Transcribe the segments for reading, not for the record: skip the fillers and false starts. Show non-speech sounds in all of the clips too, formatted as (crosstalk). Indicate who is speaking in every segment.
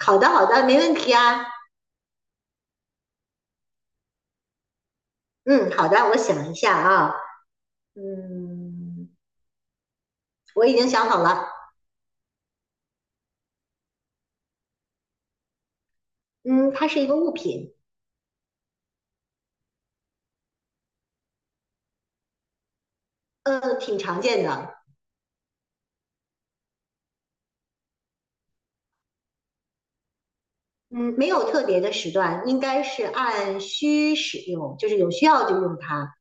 Speaker 1: 好的，好的，没问题啊。嗯，好的，我想一下啊。嗯，我已经想好了。嗯，它是一个物品，挺常见的。嗯，没有特别的时段，应该是按需使用，就是有需要就用它。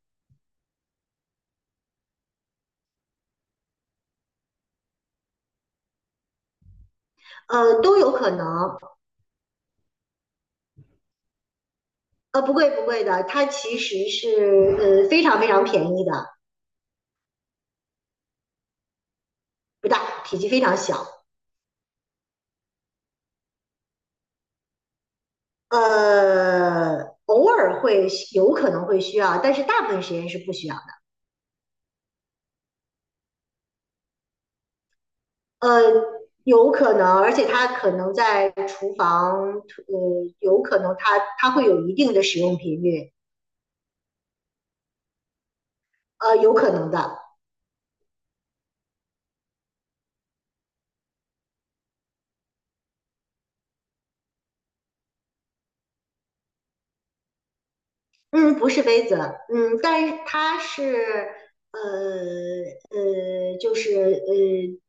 Speaker 1: 都有可能。不贵不贵的，它其实是非常非常便宜的，不大，体积非常小。偶尔会有可能会需要，但是大部分时间是不需要。呃，有可能，而且它可能在厨房，有可能它会有一定的使用频率，有可能的。嗯，不是杯子，嗯，但是它是，呃呃，就是呃，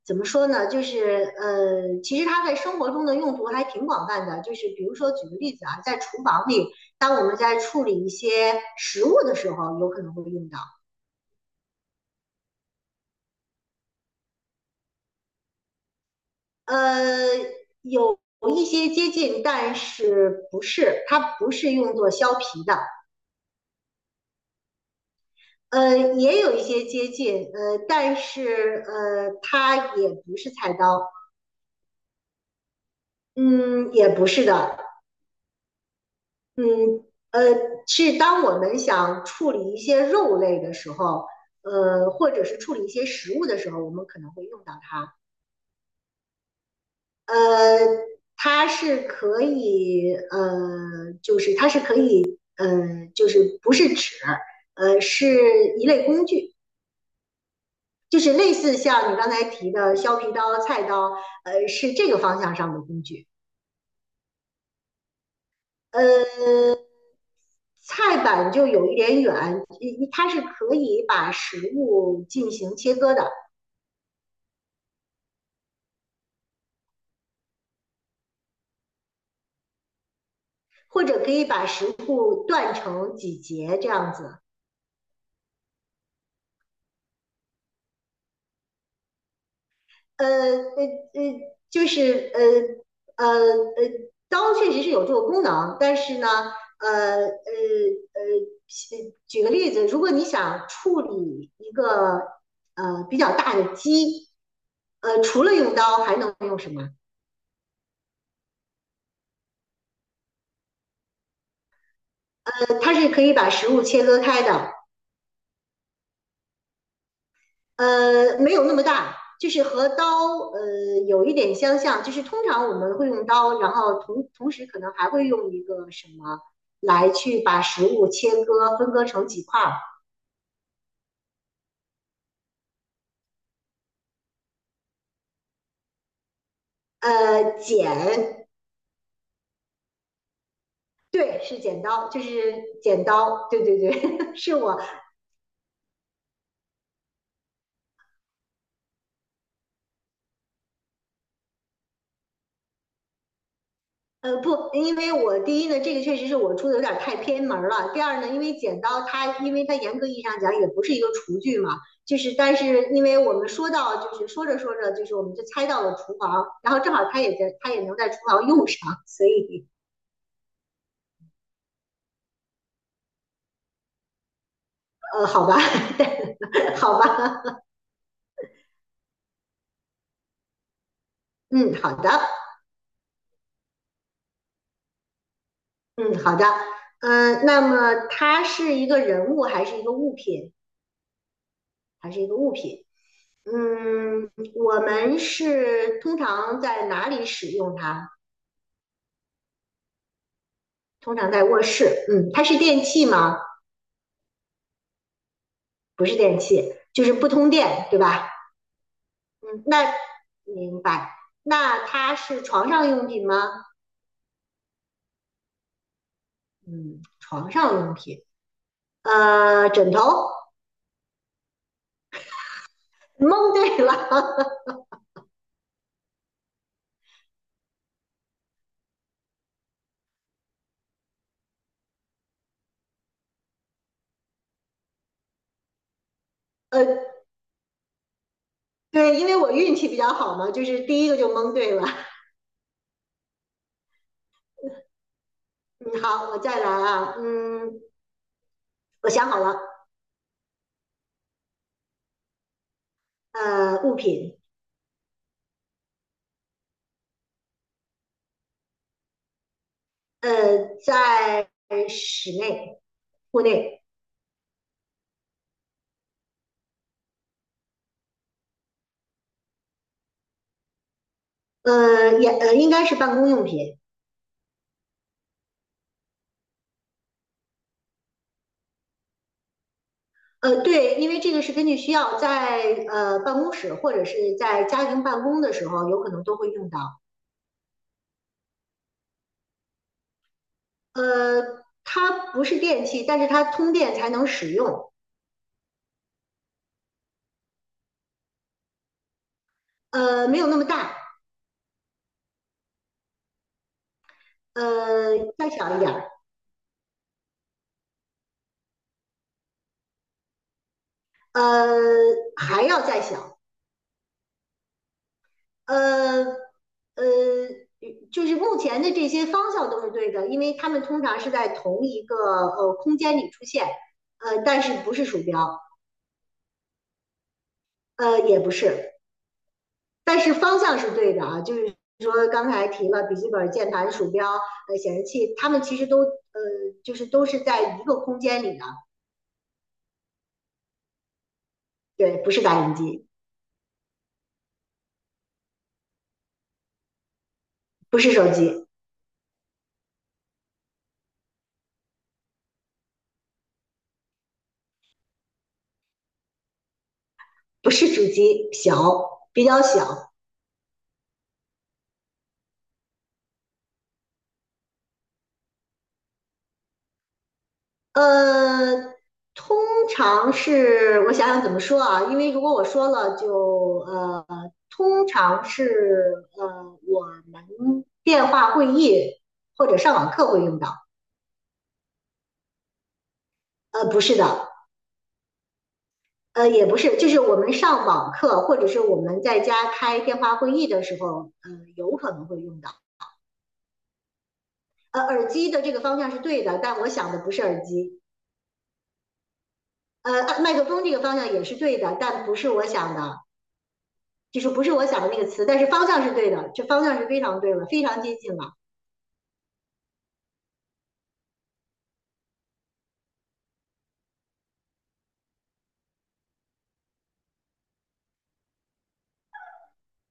Speaker 1: 怎么说呢？其实它在生活中的用途还挺广泛的。就是比如说，举个例子啊，在厨房里，当我们在处理一些食物的时候，有可能会用到。呃，有一些接近，但是不是，它不是用作削皮的。也有一些接近，但是它也不是菜刀，嗯，也不是的，嗯，呃，是当我们想处理一些肉类的时候，或者是处理一些食物的时候，我们可能会用到它。呃，它是可以，就是它是可以，就是不是纸，是一类工具，就是类似像你刚才提的削皮刀、菜刀，是这个方向上的工具。呃，菜板就有一点远，一它是可以把食物进行切割的，或者可以把食物断成几节这样子。呃呃呃，就是呃呃呃，刀确实是有这个功能，但是呢，呃呃呃，举个例子，如果你想处理一个比较大的鸡，除了用刀还能用什么？它是可以把食物切割开的。没有那么大，就是和刀有一点相像，就是通常我们会用刀，然后同时可能还会用一个什么来去把食物切割分割成几块儿。剪，对，是剪刀，就是剪刀，对对对，(laughs) 是我不，因为我第一呢，这个确实是我出的有点太偏门了。第二呢，因为剪刀它，因为它严格意义上讲也不是一个厨具嘛，就是但是因为我们说到，就是说着说着，就是我们就猜到了厨房，然后正好它也在，它也能在厨房用上，所以好吧，(laughs) 好吧，嗯，好的，嗯，好的，那么它是一个人物还是一个物品？还是一个物品？嗯，我们是通常在哪里使用它？通常在卧室。嗯，它是电器吗？不是电器，就是不通电，对吧？嗯，那明白。那它是床上用品吗？嗯，床上用品。枕头。蒙对了，呃，对，因为我运气比较好嘛，就是第一个就蒙对了。嗯，好，我再来啊。嗯，我想好了。物品。在室内、户内。应该是办公用品。对，因为这个是根据需要，在办公室或者是在家庭办公的时候，有可能都会用到。它不是电器，但是它通电才能使用。没有那么大，再小一点儿，呃，还要再小，呃呃，就是目前的这些方向都是对的，因为它们通常是在同一个空间里出现，但是不是鼠标，也不是。但是方向是对的啊，就是说刚才提了笔记本、键盘、鼠标、显示器，它们其实都就是都是在一个空间里的，对，不是打印机，不是手机，不是主机，小，比较小，呃。通常是我想想怎么说啊，因为如果我说了就通常是我们电话会议或者上网课会用到，不是的，也不是，就是我们上网课或者是我们在家开电话会议的时候，有可能会用到。耳机的这个方向是对的，但我想的不是耳机。麦克风这个方向也是对的，但不是我想的，就是不是我想的那个词，但是方向是对的，这方向是非常对了，非常接近了，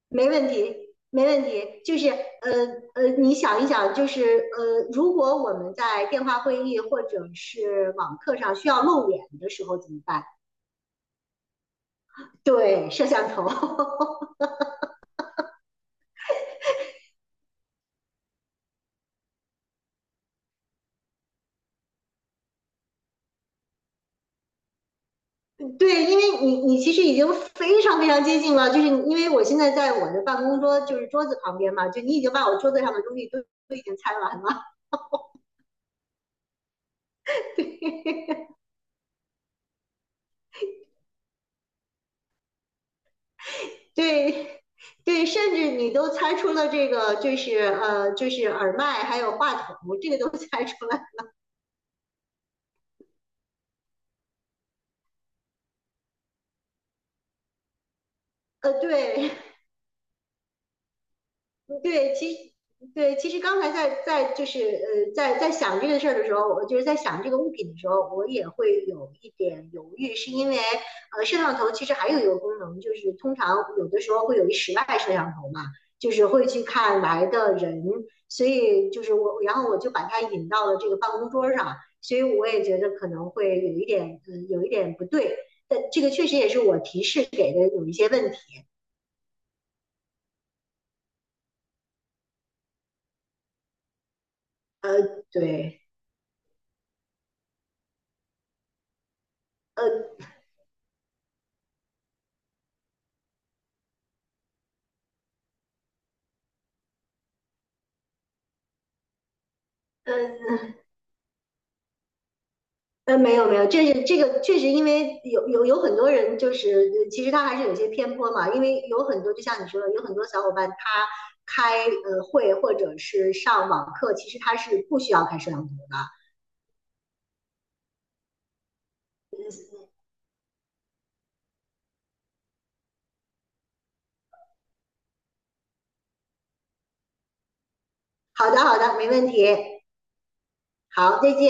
Speaker 1: 没问题，没问题。你想一想，如果我们在电话会议或者是网课上需要露脸的时候怎么办？对，摄像头。对，因为你其实已经非常非常接近了，就是因为我现在在我的办公桌就是桌子旁边嘛，就你已经把我桌子上的东西都都已经猜完了，(laughs) 对对对，甚至你都猜出了这个就是就是耳麦还有话筒，这个都 (laughs) 猜出来，对嗯对，其实对，其实刚才在在就是在在想这个事儿的时候，我就是在想这个物品的时候，我也会有一点犹豫，是因为摄像头其实还有一个功能，就是通常有的时候会有一室外摄像头嘛，就是会去看来的人，所以就是我，然后我就把它引到了这个办公桌上，所以我也觉得可能会有一点有一点不对，但这个确实也是我提示给的有一些问题，呃，对，呃，嗯、呃嗯没有没有，这是这个确实，因为有很多人就是其实他还是有些偏颇嘛，因为有很多就像你说的，有很多小伙伴他开会或者是上网课，其实他是不需要开摄像头的。好的好的，没问题，好，再见。